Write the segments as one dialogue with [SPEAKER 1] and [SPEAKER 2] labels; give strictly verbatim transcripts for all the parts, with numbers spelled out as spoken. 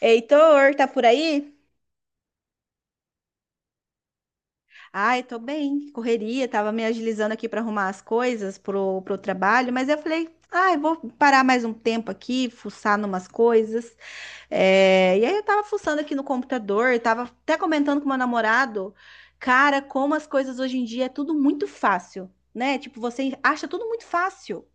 [SPEAKER 1] Heitor, tá por aí? Ai, tô bem, correria, tava me agilizando aqui para arrumar as coisas pro, pro trabalho, mas eu falei, ai, vou parar mais um tempo aqui, fuçar numas coisas. É, E aí eu tava fuçando aqui no computador, tava até comentando com meu namorado, cara, como as coisas hoje em dia é tudo muito fácil, né? Tipo, você acha tudo muito fácil.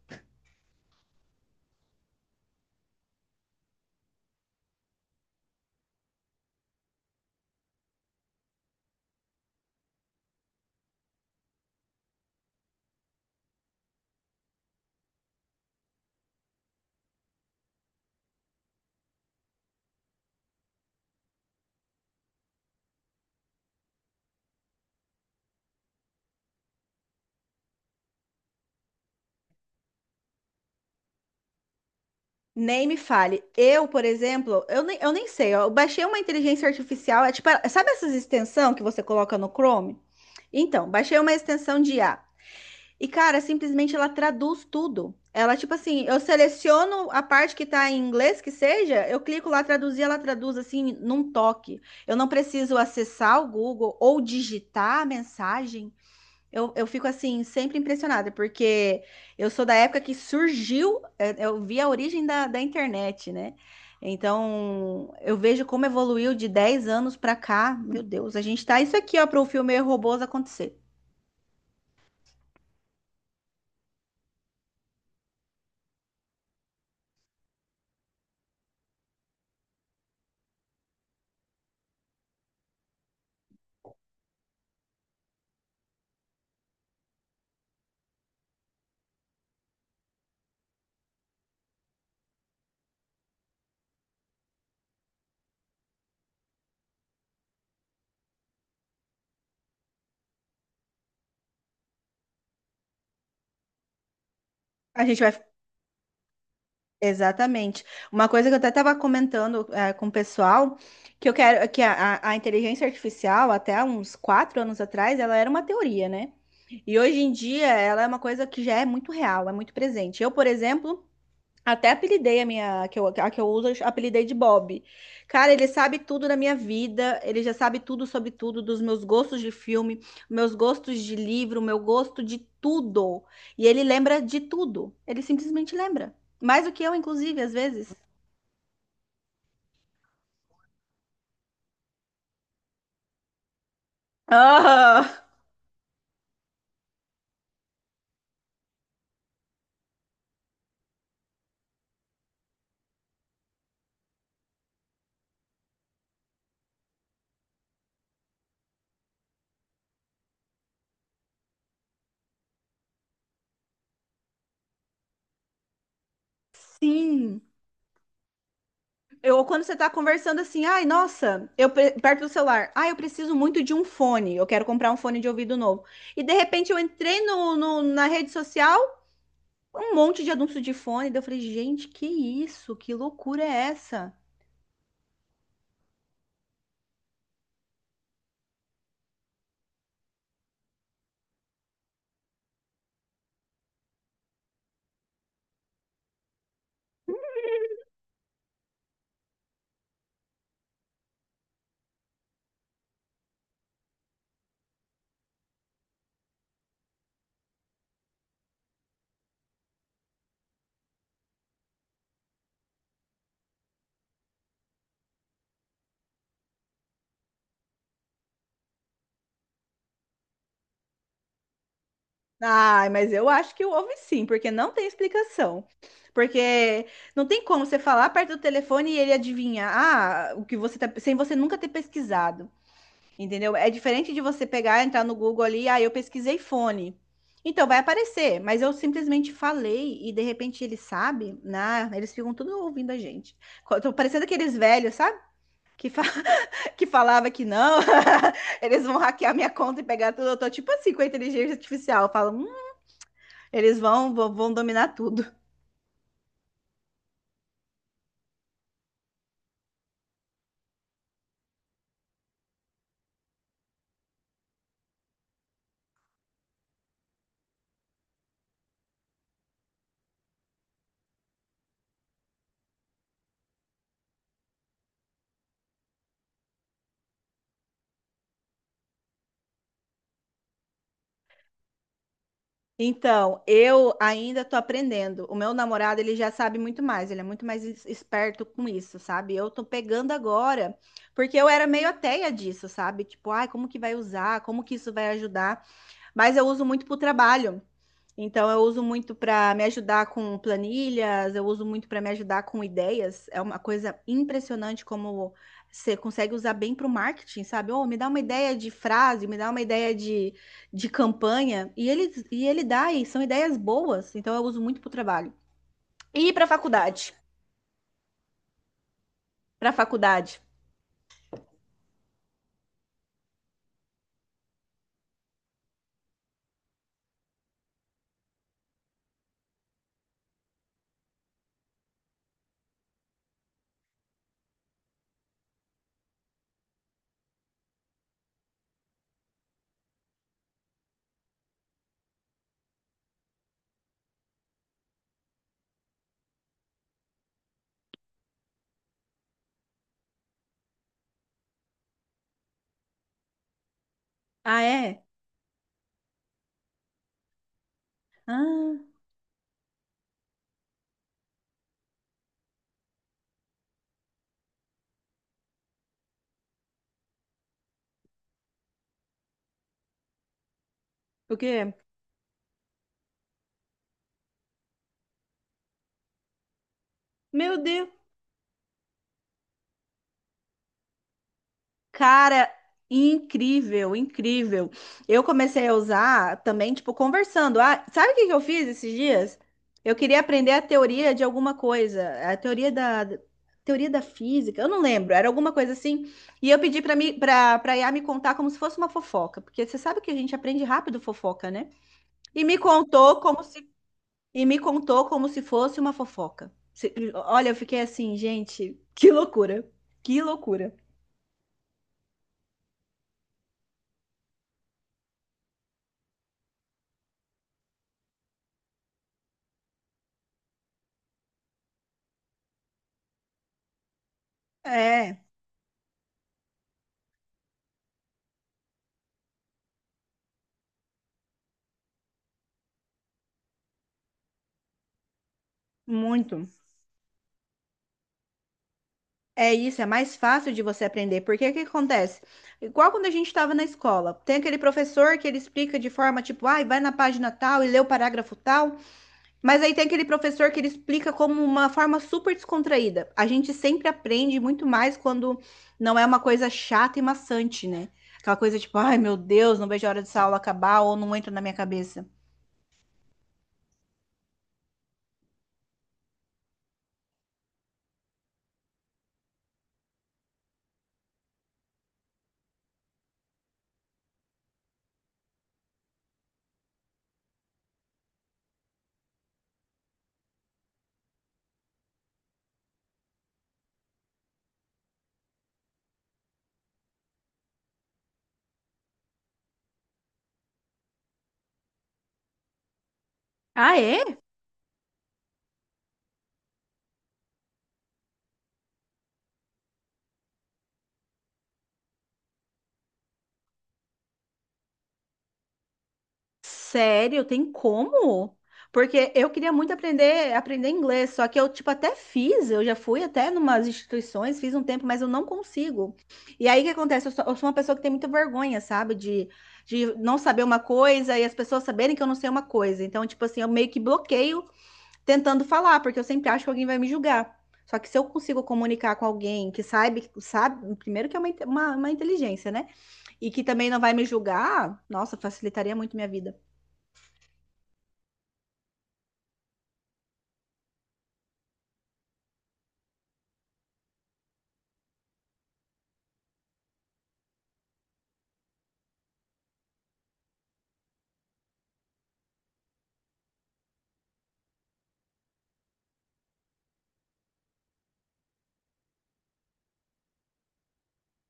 [SPEAKER 1] Nem me fale. Eu, por exemplo, eu nem, eu nem sei, ó, eu baixei uma inteligência artificial, é tipo, sabe essas extensão que você coloca no Chrome? Então, baixei uma extensão de I A. E, cara, simplesmente ela traduz tudo. Ela, tipo assim, eu seleciono a parte que tá em inglês, que seja, eu clico lá traduzir, ela traduz assim, num toque. Eu não preciso acessar o Google ou digitar a mensagem. Eu, eu fico assim, sempre impressionada, porque eu sou da época que surgiu, eh, eu vi a origem da, da internet, né? Então, eu vejo como evoluiu de dez anos pra cá. Meu Deus, a gente tá isso aqui, ó, para o filme Robôs acontecer. A gente vai. Exatamente. Uma coisa que eu até estava comentando eh, com o pessoal, que eu quero que a, a a inteligência artificial, até uns quatro anos atrás, ela era uma teoria, né? E hoje em dia ela é uma coisa que já é muito real, é muito presente. Eu, por exemplo, até apelidei a minha, a que eu, a que eu uso, eu apelidei de Bob. Cara, ele sabe tudo da minha vida, ele já sabe tudo sobre tudo, dos meus gostos de filme, meus gostos de livro, meu gosto de tudo. E ele lembra de tudo. Ele simplesmente lembra. Mais do que eu, inclusive, às vezes. Ah, sim. Eu, quando você tá conversando assim, ai, nossa, eu pre- perto do celular, ai, eu preciso muito de um fone, eu quero comprar um fone de ouvido novo. E de repente eu entrei no, no- na rede social, um monte de anúncio de fone. Daí eu falei, gente, que isso? Que loucura é essa? Ai, mas eu acho que houve sim, porque não tem explicação. Porque não tem como você falar perto do telefone e ele adivinhar, ah, o que você tá, sem você nunca ter pesquisado, entendeu? É diferente de você pegar, entrar no Google ali, ah, eu pesquisei fone. Então vai aparecer, mas eu simplesmente falei e de repente ele sabe, né? Eles ficam tudo ouvindo a gente. Co- Tô parecendo aqueles velhos, sabe? Que fa- que falava que não, eles vão hackear minha conta e pegar tudo. Eu tô tipo assim com a inteligência artificial. Eu falo, hum, eles vão, vão, vão dominar tudo. Então, eu ainda tô aprendendo. O meu namorado, ele já sabe muito mais, ele é muito mais es- esperto com isso, sabe? Eu tô pegando agora, porque eu era meio ateia disso, sabe? Tipo, ai, como que vai usar? Como que isso vai ajudar? Mas eu uso muito pro trabalho. Então, eu uso muito para me ajudar com planilhas, eu uso muito para me ajudar com ideias. É uma coisa impressionante como você consegue usar bem para o marketing, sabe? Oh, me dá uma ideia de frase, me dá uma ideia de, de campanha. E ele, e ele dá, e são ideias boas. Então, eu uso muito para o trabalho. E para faculdade? Para faculdade. Ah, é? Ah, porque, meu Deus. Cara, incrível, incrível. Eu comecei a usar também, tipo, conversando. Ah, sabe o que que eu fiz esses dias? Eu queria aprender a teoria de alguma coisa, a teoria da teoria da física, eu não lembro, era alguma coisa assim. E eu pedi para mim, para para I A me contar como se fosse uma fofoca, porque você sabe que a gente aprende rápido fofoca, né? E me contou como se e me contou como se fosse uma fofoca. Se- Olha, eu fiquei assim, gente, que loucura. Que loucura. É, muito. É isso, é mais fácil de você aprender, porque o que acontece? Igual quando a gente estava na escola, tem aquele professor que ele explica de forma tipo, ai, vai na página tal e lê o parágrafo tal, mas aí tem aquele professor que ele explica como uma forma super descontraída. A gente sempre aprende muito mais quando não é uma coisa chata e maçante, né? Aquela coisa tipo, ai, meu Deus, não vejo a hora dessa aula acabar ou não entra na minha cabeça. Ah, é? Sério, tem como? Porque eu queria muito aprender aprender inglês, só que eu, tipo, até fiz, eu já fui até numas instituições, fiz um tempo, mas eu não consigo. E aí, o que acontece? Eu sou, eu sou uma pessoa que tem muita vergonha, sabe? De, de não saber uma coisa e as pessoas saberem que eu não sei uma coisa. Então, tipo assim, eu meio que bloqueio tentando falar, porque eu sempre acho que alguém vai me julgar. Só que se eu consigo comunicar com alguém que sabe, sabe, primeiro que é uma, inte- uma uma inteligência, né? E que também não vai me julgar, nossa, facilitaria muito minha vida.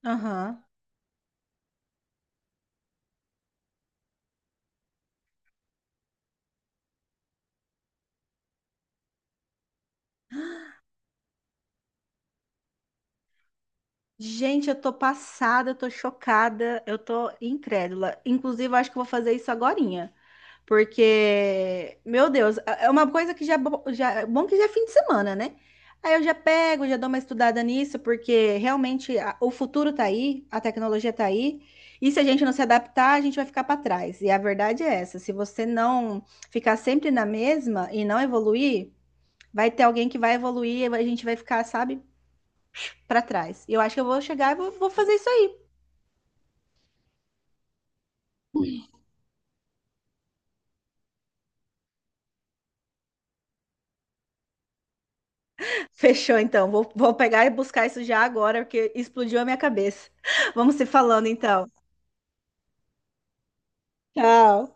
[SPEAKER 1] Aham. Gente, eu tô passada, eu tô chocada, eu tô incrédula. Inclusive, eu acho que eu vou fazer isso agorinha, porque, meu Deus, é uma coisa que já, é bo- já é bom que já é fim de semana, né? Aí eu já pego, já dou uma estudada nisso, porque realmente a- o futuro tá aí, a tecnologia tá aí, e se a gente não se adaptar, a gente vai ficar para trás. E a verdade é essa, se você não ficar sempre na mesma e não evoluir, vai ter alguém que vai evoluir e a gente vai ficar, sabe? Para trás. E eu acho que eu vou chegar e vou, vou fazer isso aí. Fechou, então. Vou, vou pegar e buscar isso já agora, porque explodiu a minha cabeça. Vamos se falando, então. Tchau.